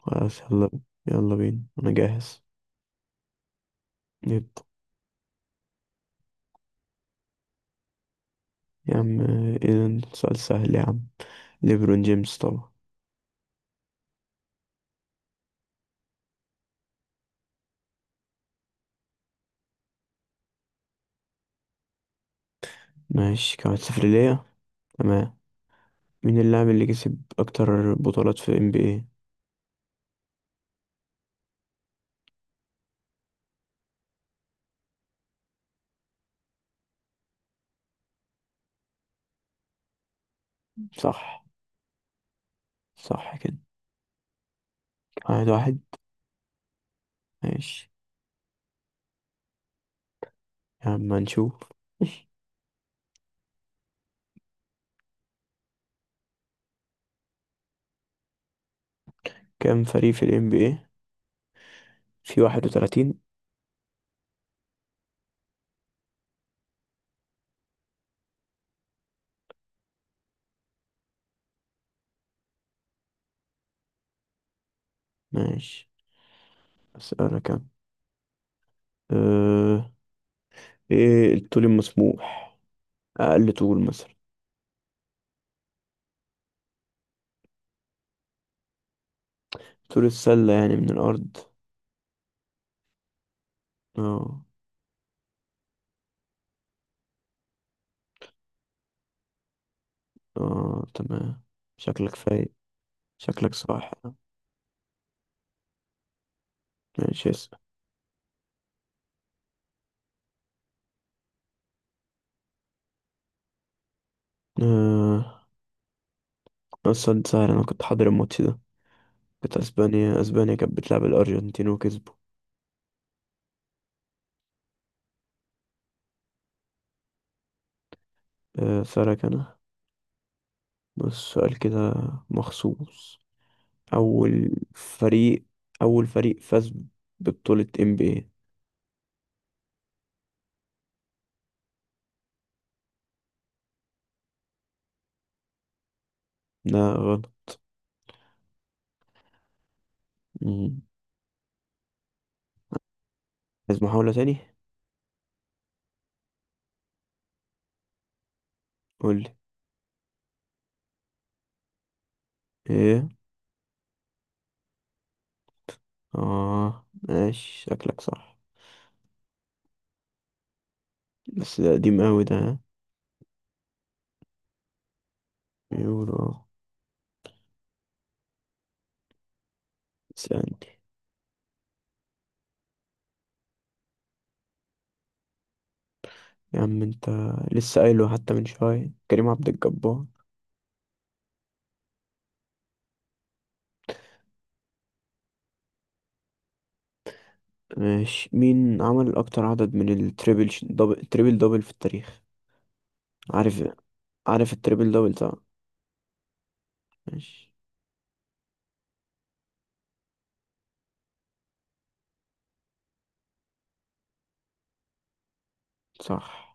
خلاص، يلا. يلا بينا، انا جاهز. نبدأ. يا عم، اذا سؤال سهل يا عم. ليبرون جيمس طبعا. ماشي، كمان صفر ليا. تمام. مين اللاعب اللي كسب اكتر بطولات في ال NBA؟ صح. صح كده، واحد واحد. ماشي، يا عم هنشوف. كام فريق في ال NBA؟ في 31. ماشي، اسألك كام. أه... ايه الطول المسموح، اقل طول مثلا؟ طول السلة يعني من الارض. اه. اه تمام، شكلك فايق. شكلك صاح. ماشي، اسأل. آه. بس سؤال سهل، أنا كنت حاضر الماتش ده. كانت أسبانيا كانت بتلعب الأرجنتين وكسبوا. آه. سألك أنا، بس سؤال كده مخصوص. أول فريق أول فريق فاز ببطولة NBA. لا غلط. مم. عايز محاولة تاني؟ قولي ايه. اه ماشي، شكلك صح. بس ده قديم أوي ده، ها؟ يورو. اسألني. يا عم انت، لسه قايله حتى من شوية، كريم عبد الجبار. ماشي. مين عمل أكتر عدد من التريبل دبل تريبل دبل في التاريخ؟ عارف. عارف التريبل دبل طبعا. ماشي. صح.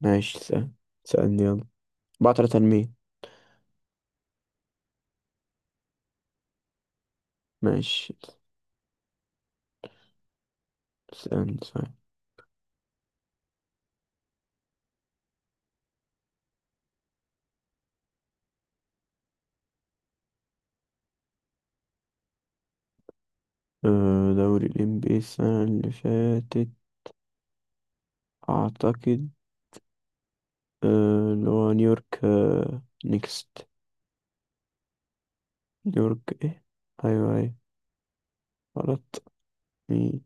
ماشي سأل. سألني يلا. بعترة تنمية. ماشي. سألني سأل. أه دوري ال NBA السنة اللي فاتت، أعتقد اللي هو نيويورك نيكست. نيويورك إيه؟ أيوه أيوه. غلط. مين؟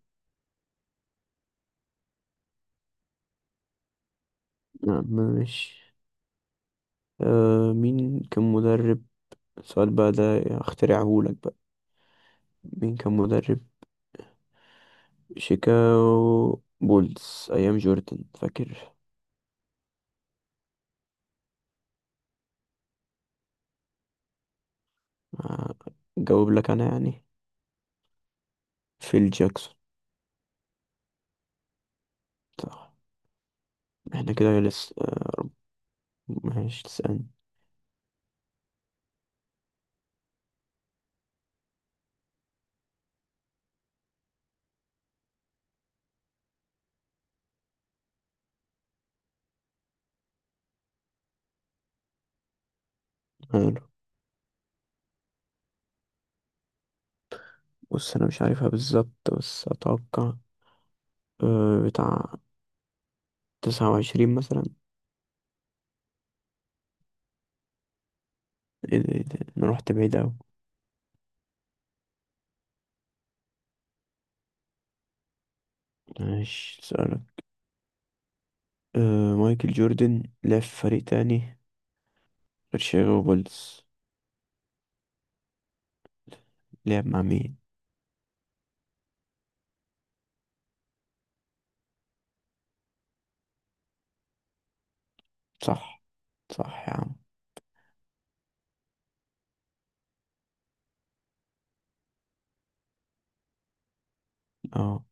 نعم، ماشي. أه، مين كان مدرب السؤال بقى ده اخترعهولك بقى. مين كان مدرب شيكاغو بولز ايام جوردن، فاكر؟ آه، جاوب لك انا يعني، فيل جاكسون. صح. احنا كده لسه ماشي، تسألني. حلو. بص انا مش عارفها بالظبط، بس اتوقع بتاع 29 مثلا. ايه ده ايه ده، انا رحت بعيد اوي. ماشي، سألك. أه مايكل جوردن لعب في فريق تاني غير شيكاغو بولز، لعب مع مين؟ صح. صح يا عم. اه.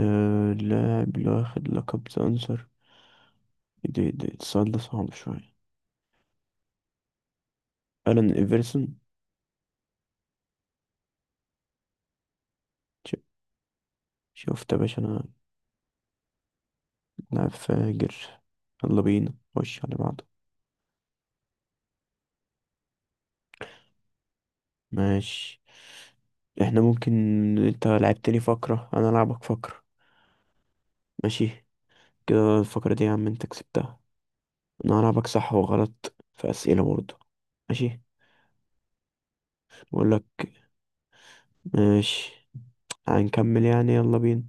اللاعب اللي واخد لقب ذا أنصر. دي السؤال ده صعب شوية. ألان إيفرسون. ش- شفت يا باشا أنا؟ لاعب فاجر. يلا بينا، خش على بعضه. ماشي. احنا ممكن، انت لعبتني فقرة انا العبك فقرة. ماشي. كده الفقرة دي يا عم انت كسبتها. انا هلعبك صح وغلط في اسئلة برضه. ماشي. بقول لك. ماشي. هنكمل يعني، يلا بينا.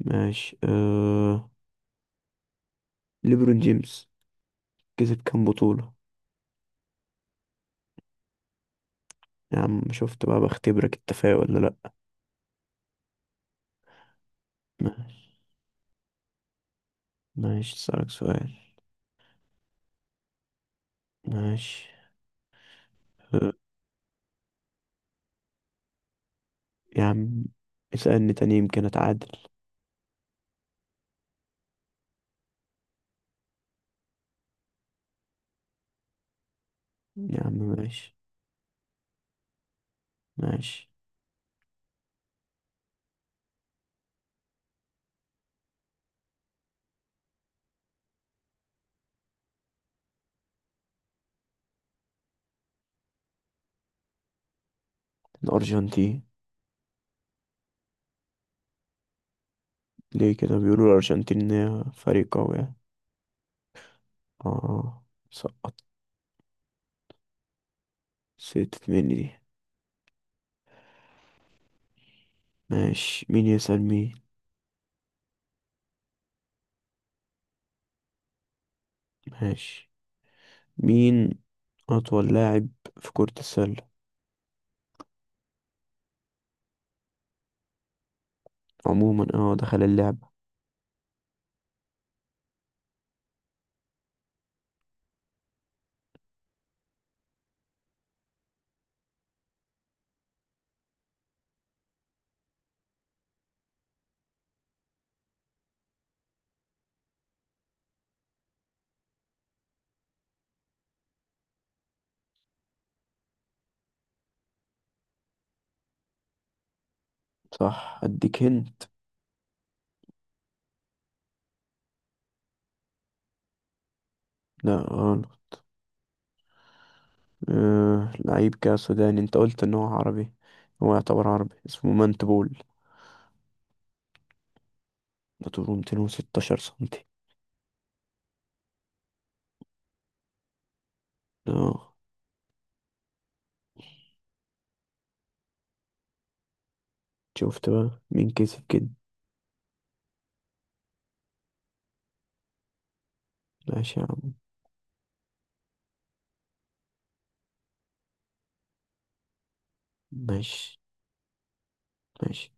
ماشي. ليبرون جيمس كسب كام بطولة؟ يا عم شفت بقى، بختبرك التفاؤل ولا؟ لا. ماشي، اسألك سؤال. ماشي. أه. يا عم اسألني تاني، يمكن أتعادل. يا عم ماشي. ماشي. الأرجنتين. ليه كده بيقولوا الأرجنتين إن هي فريق قوي يعني. اه. سقط سقطت مني دي. ماشي، مين يسأل مين؟ ماشي. مين أطول لاعب في كرة السلة؟ عموما اه دخل اللعبة. صح، أديك هنت. لا غلط. أه لعيب كده سوداني، أنت قلت إن هو عربي. هو يعتبر عربي، اسمه مانتبول. ده طوله 216 سنتي. اه. شفت بقى مين كسب كده. ماشي يا عم. ماشي ماشي.